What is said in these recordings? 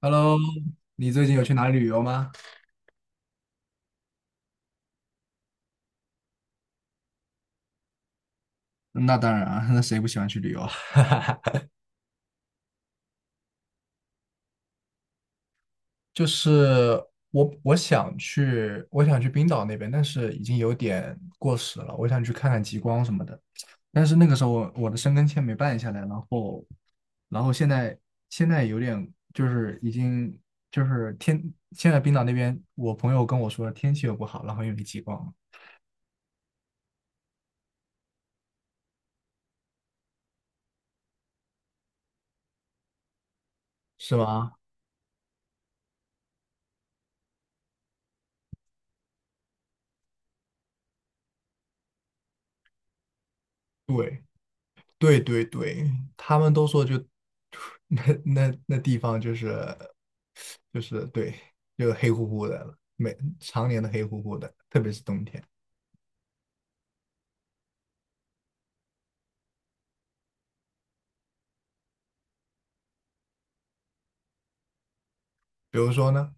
Hello，你最近有去哪里旅游吗？那当然啊，那谁不喜欢去旅游啊？就是我想去冰岛那边，但是已经有点过时了。我想去看看极光什么的，但是那个时候我的申根签没办下来，然后，然后现在有点就是已经就是天，现在冰岛那边我朋友跟我说天气又不好，然后又没极光，是吗？对。对对对，他们都说就 那地方就是就是对，就黑乎乎的了，每常年的黑乎乎的，特别是冬天。比如说呢，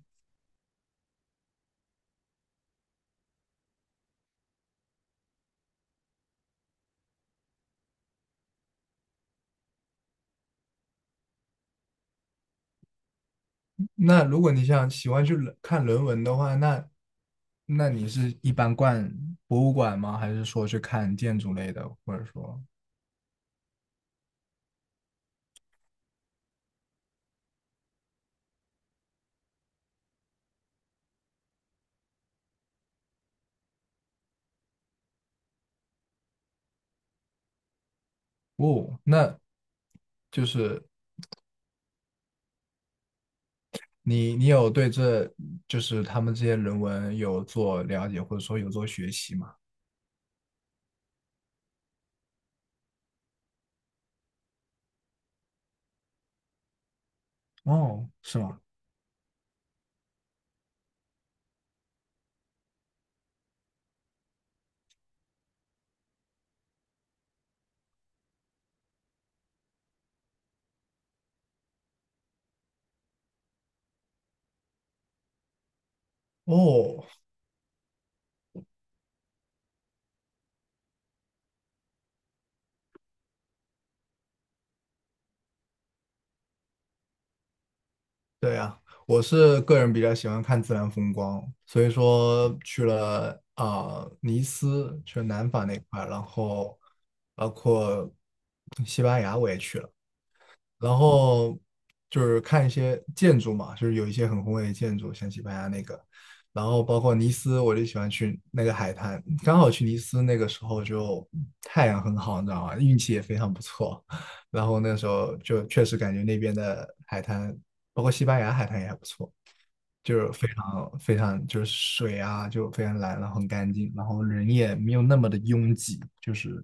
那如果你想喜欢去人文的话，那你是一般逛博物馆吗？还是说去看建筑类的，或者说哦，那就是你有对这就是他们这些人文有做了解，或者说有做学习吗？哦，是吗？哦，对呀，我是个人比较喜欢看自然风光，所以说去了啊、尼斯，去了南法那块儿然后包括西班牙我也去了，然后就是看一些建筑嘛，就是有一些很宏伟的建筑，像西班牙那个，然后包括尼斯，我就喜欢去那个海滩。刚好去尼斯那个时候就太阳很好，你知道吗？运气也非常不错。然后那时候就确实感觉那边的海滩，包括西班牙海滩也还不错，就是非常非常就是水啊就非常蓝，然后很干净，然后人也没有那么的拥挤，就是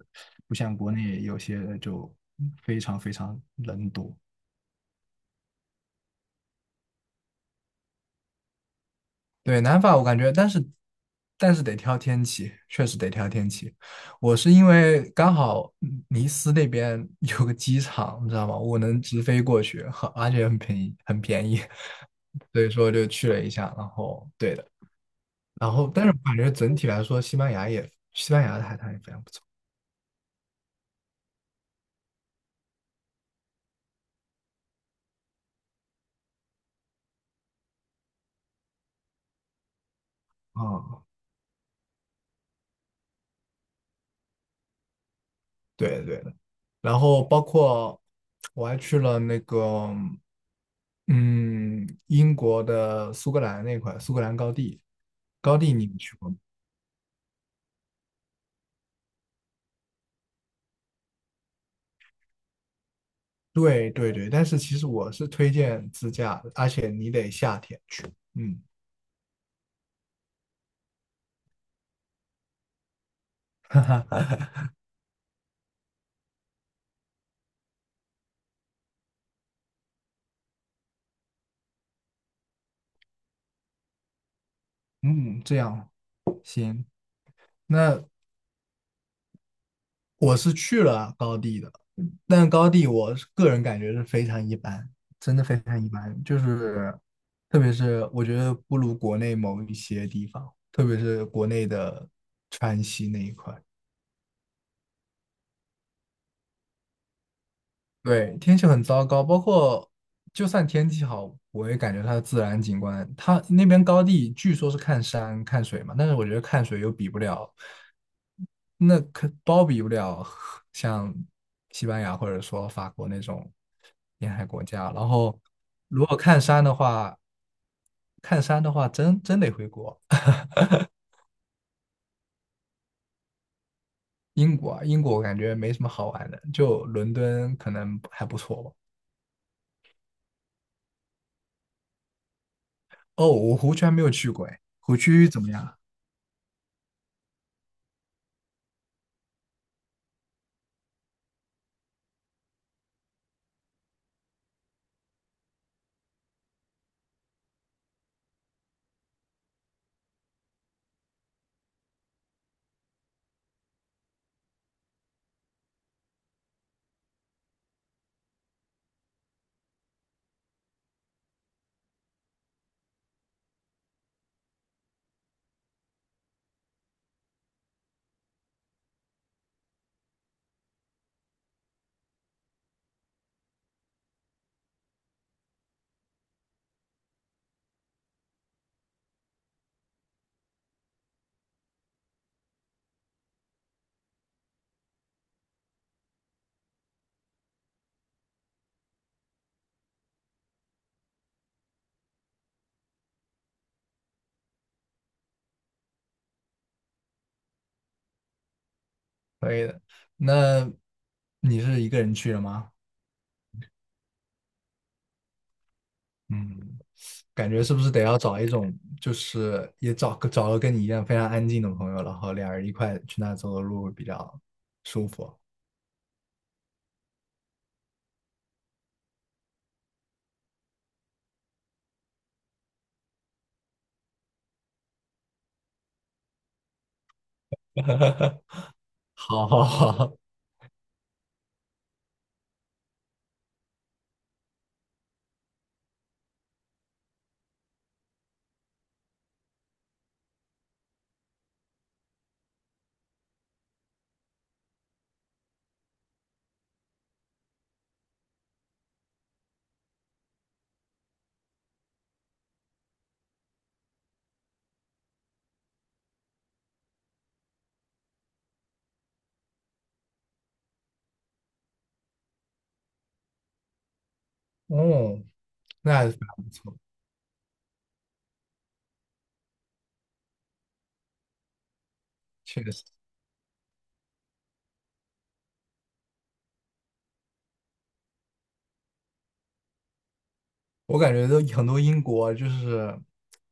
不像国内有些就非常非常人多。对，南法我感觉，但是得挑天气，确实得挑天气。我是因为刚好尼斯那边 有个机场，你知道吗？我能直飞过去，而且很便宜，很便宜，所以说就去了一下。然后对的，然后但是我感觉整体来说，西班牙的海滩也非常不错啊。对的对的。然后包括我还去了那个，嗯，英国的苏格兰那块，苏格兰高地，高地你们去过吗？对对对，但是其实我是推荐自驾的，而且你得夏天去，嗯嗯，这样行。那我是去了高地的，但高地我个人感觉是非常一般，真的非常一般。就是特别是我觉得不如国内某一些地方，特别是国内的川西那一块。对，天气很糟糕，包括就算天气好，我也感觉它的自然景观，它那边高地据说是看山看水嘛，但是我觉得看水又比不了，那可包比不了像西班牙或者说法国那种沿海国家。然后如果看山的话，看山的话真得回国，英国啊，英国我感觉没什么好玩的，就伦敦可能还不错吧。哦，我湖区还没有去过，哎，湖区怎么样？可以的。那你是一个人去了吗？嗯，感觉是不是得要找一种，就是也找个跟你一样非常安静的朋友，然后俩人一块去那走走路会比较舒服。好好好，哦，那还是非常不错，确实。我感觉都很多英国就是，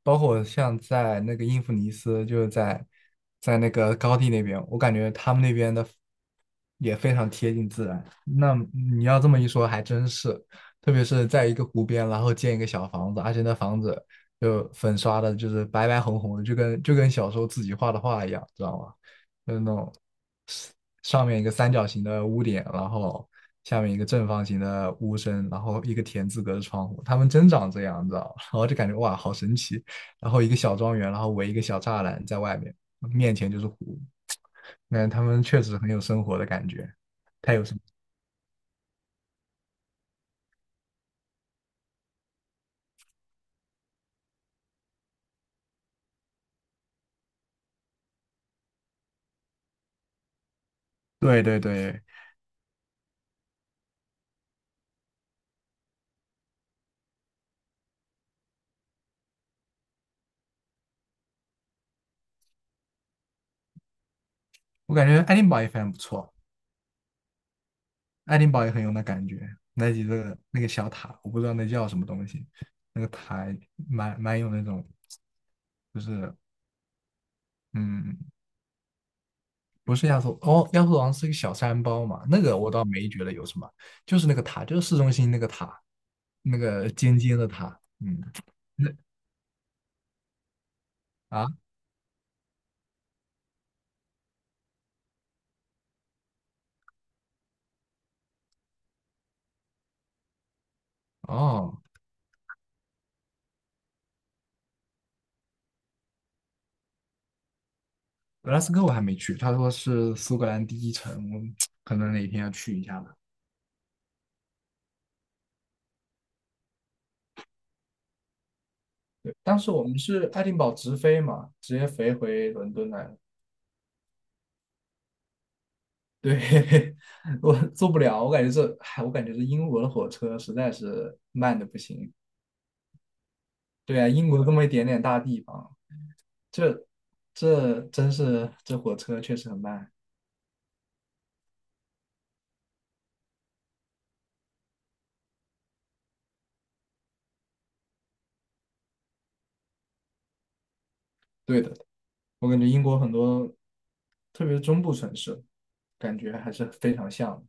包括像在那个英弗尼斯，就是在那个高地那边，我感觉他们那边的也非常贴近自然。那你要这么一说，还真是，特别是在一个湖边，然后建一个小房子，而且那房子就粉刷的，就是白白红红的，就跟小时候自己画的画一样，知道吗？就是那种。上面一个三角形的屋顶，然后下面一个正方形的屋身，然后一个田字格的窗户，他们真长这样，你知道吗？然后就感觉哇，好神奇。然后一个小庄园，然后围一个小栅栏在外面，面前就是湖。那他们确实很有生活的感觉，太有生。对对对，我感觉爱丁堡也非常不错，爱丁堡也很有那感觉。那几个那个小塔，我不知道那叫什么东西，那个塔蛮有那种，就是嗯，不是亚索，哦，亚速王是一个小山包嘛，那个我倒没觉得有什么，就是那个塔，就是市中心那个塔，那个尖尖的塔，嗯，那啊哦，格拉斯哥我还没去，他说是苏格兰第一城，我 可能哪天要去一下吧。对，当时我们是爱丁堡直飞嘛，直接飞回伦敦来了。对，我坐不了，我感觉这，哎，我感觉这英国的火车实在是慢的不行。对啊，英国这么一点点大地方，这这真是这火车确实很慢。对的，我感觉英国很多，特别是中部城市，感觉还是非常像的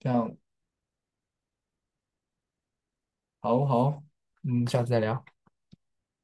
这样，好好，嗯，下次再聊。